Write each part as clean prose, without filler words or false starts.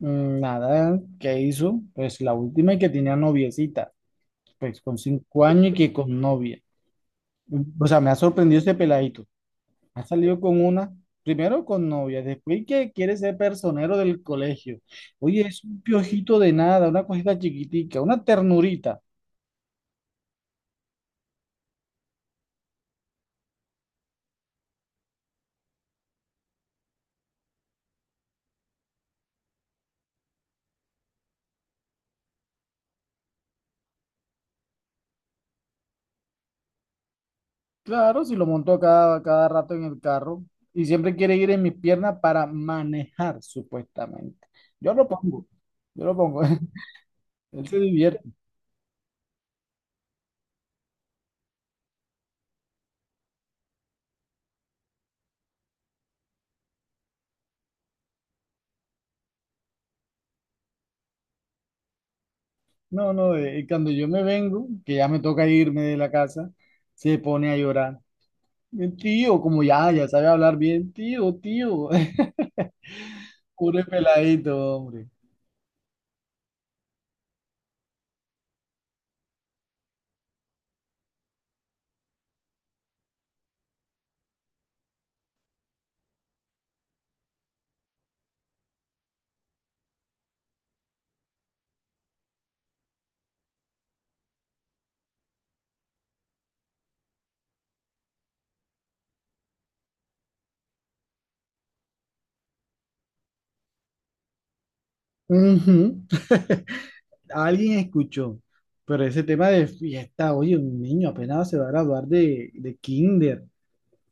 Mm, nada, ¿qué hizo? Pues la última y que tenía noviecita, pues con 5 años y que con novia. O sea, me ha sorprendido este peladito. Ha salido con una, primero con novia, después que quiere ser personero del colegio. Oye, es un piojito de nada, una cosita chiquitica, una ternurita. Claro, si lo montó cada rato en el carro y siempre quiere ir en mis piernas para manejar, supuestamente. Yo lo pongo, yo lo pongo. Él se divierte. No, no, cuando yo me vengo, que ya me toca irme de la casa, se pone a llorar. El tío, como ya sabe hablar bien, tío, tío. Puro peladito, hombre. Ujú. Alguien escuchó, pero ese tema de fiesta, oye, un niño apenas se va a graduar de kinder.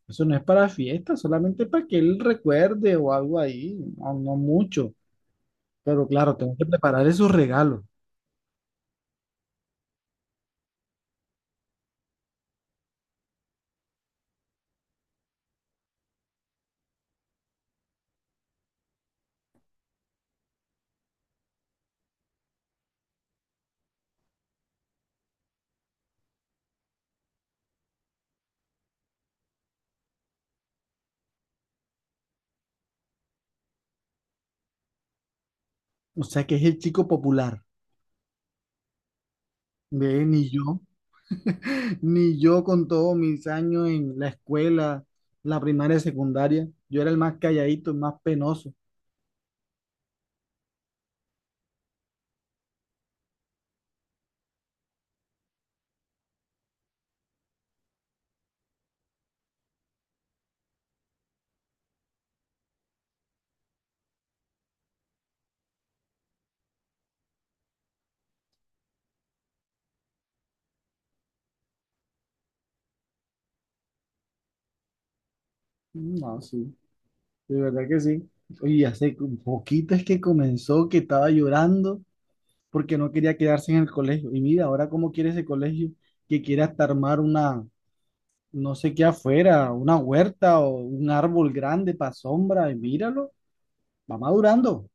Eso no es para fiesta, solamente para que él recuerde o algo ahí, no, no mucho. Pero claro, tengo que preparar esos regalos. O sea que es el chico popular. Ven, y yo. Ni yo con todos mis años en la escuela, la primaria y secundaria, yo era el más calladito, el más penoso. No, sí, de verdad que sí. Y hace un poquito es que comenzó que estaba llorando porque no quería quedarse en el colegio. Y mira, ahora cómo quiere ese colegio, que quiere hasta armar una, no sé qué afuera, una huerta o un árbol grande para sombra. Y míralo, va madurando.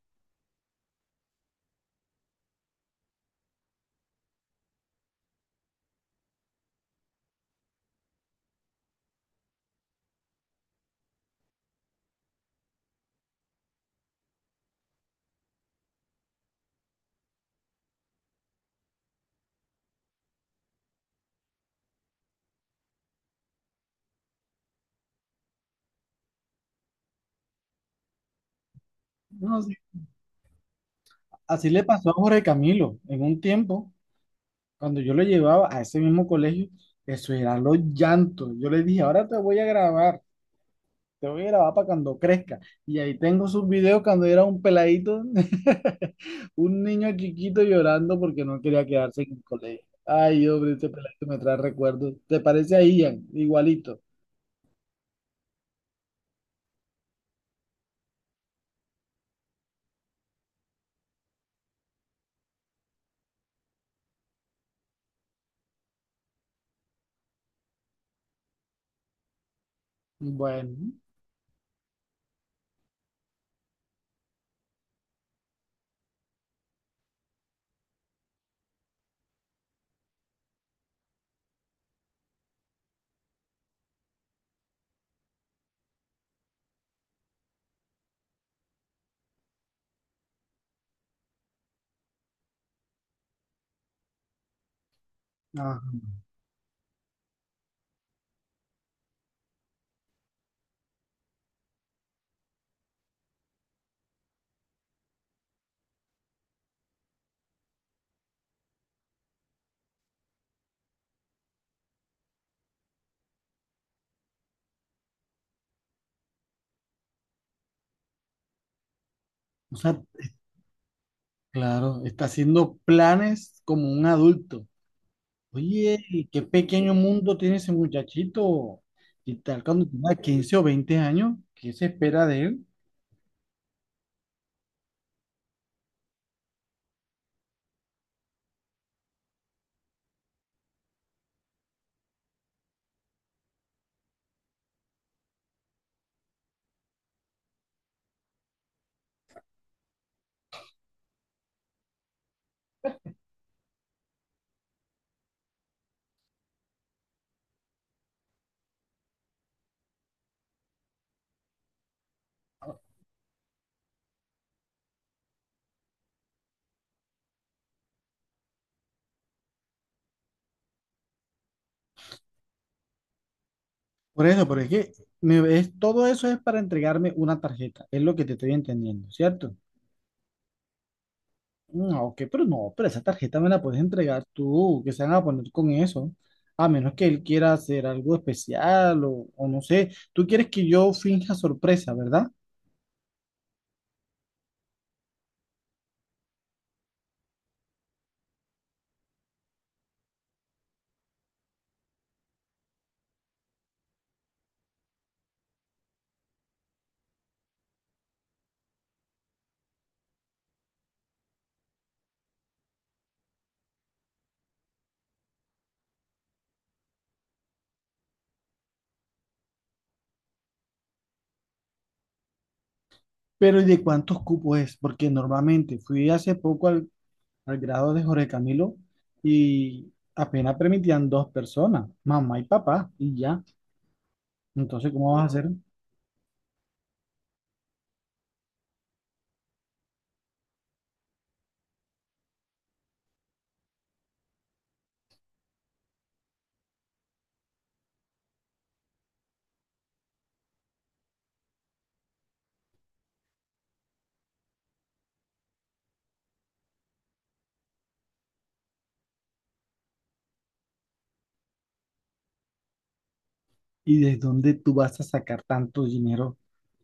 No sé. Así le pasó a Jorge Camilo en un tiempo. Cuando yo lo llevaba a ese mismo colegio, eso era los llantos. Yo le dije, ahora te voy a grabar, te voy a grabar para cuando crezca. Y ahí tengo sus videos cuando era un peladito, un niño chiquito llorando porque no quería quedarse en el colegio. Ay, hombre, este peladito me trae recuerdos. ¿Te parece a Ian? Igualito. Bueno, ajá. O sea, claro, está haciendo planes como un adulto. Oye, qué pequeño mundo tiene ese muchachito. Y tal cuando tenga 15 o 20 años, ¿qué se espera de él? Por eso, porque es que es, todo eso es para entregarme una tarjeta, es lo que te estoy entendiendo, ¿cierto? No, ok, pero no, pero esa tarjeta me la puedes entregar tú, que se van a poner con eso, a menos que él quiera hacer algo especial o no sé, tú quieres que yo finja sorpresa, ¿verdad? Pero ¿y de cuántos cupos es? Porque normalmente fui hace poco al grado de Jorge Camilo y apenas permitían 2 personas, mamá y papá, y ya. Entonces, ¿cómo vas a hacer? ¿Y desde dónde tú vas a sacar tanto dinero?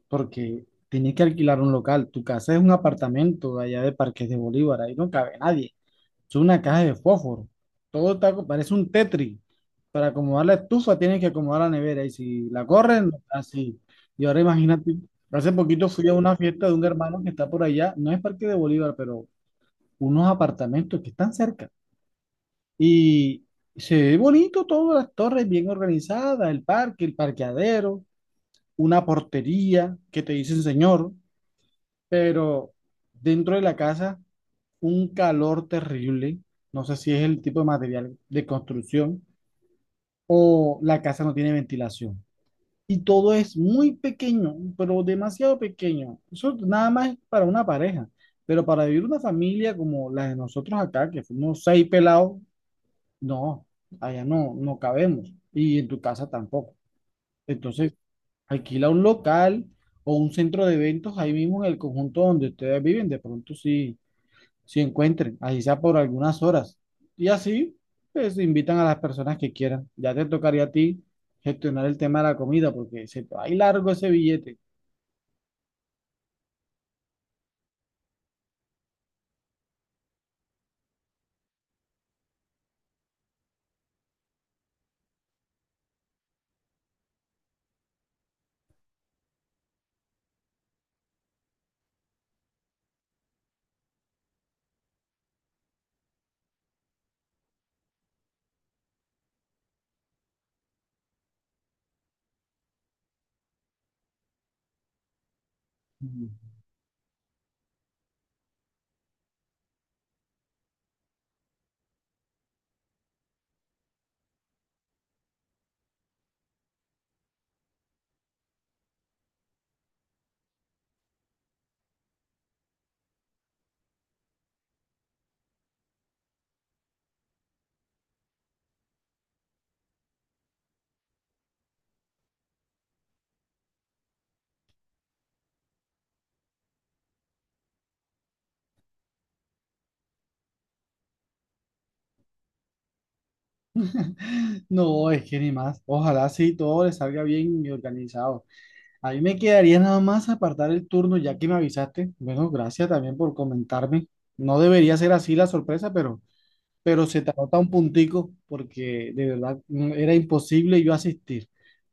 Porque tienes que alquilar un local. Tu casa es un apartamento de allá de Parques de Bolívar, ahí no cabe nadie. Es una caja de fósforo. Todo está, parece un Tetris. Para acomodar la estufa tienes que acomodar la nevera y si la corren, así. Y ahora imagínate, hace poquito fui a una fiesta de un hermano que está por allá, no es Parque de Bolívar, pero unos apartamentos que están cerca. Y se ve bonito todas las torres bien organizadas, el parque, el parqueadero, una portería que te dicen señor, pero dentro de la casa un calor terrible. No sé si es el tipo de material de construcción o la casa no tiene ventilación. Y todo es muy pequeño, pero demasiado pequeño. Eso nada más es para una pareja. Pero para vivir una familia como la de nosotros acá, que fuimos 6 pelados, no, allá no, no cabemos y en tu casa tampoco. Entonces, alquila un local o un centro de eventos ahí mismo en el conjunto donde ustedes viven, de pronto sí, sí encuentren, así sea por algunas horas. Y así, pues invitan a las personas que quieran. Ya te tocaría a ti gestionar el tema de la comida porque se te va a ir largo ese billete. No, es que ni más. Ojalá sí todo le salga bien y organizado. A mí me quedaría nada más apartar el turno ya que me avisaste. Bueno, gracias también por comentarme. No debería ser así la sorpresa, pero se te anota un puntico porque de verdad era imposible yo asistir.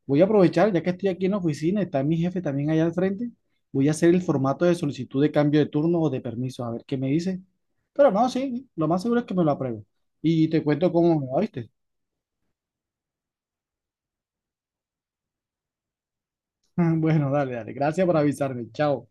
Voy a aprovechar, ya que estoy aquí en la oficina, está mi jefe también allá al frente. Voy a hacer el formato de solicitud de cambio de turno o de permiso, a ver qué me dice. Pero no, sí, lo más seguro es que me lo apruebe. Y te cuento cómo me va, ¿viste? Bueno, dale, dale. Gracias por avisarme. Chao.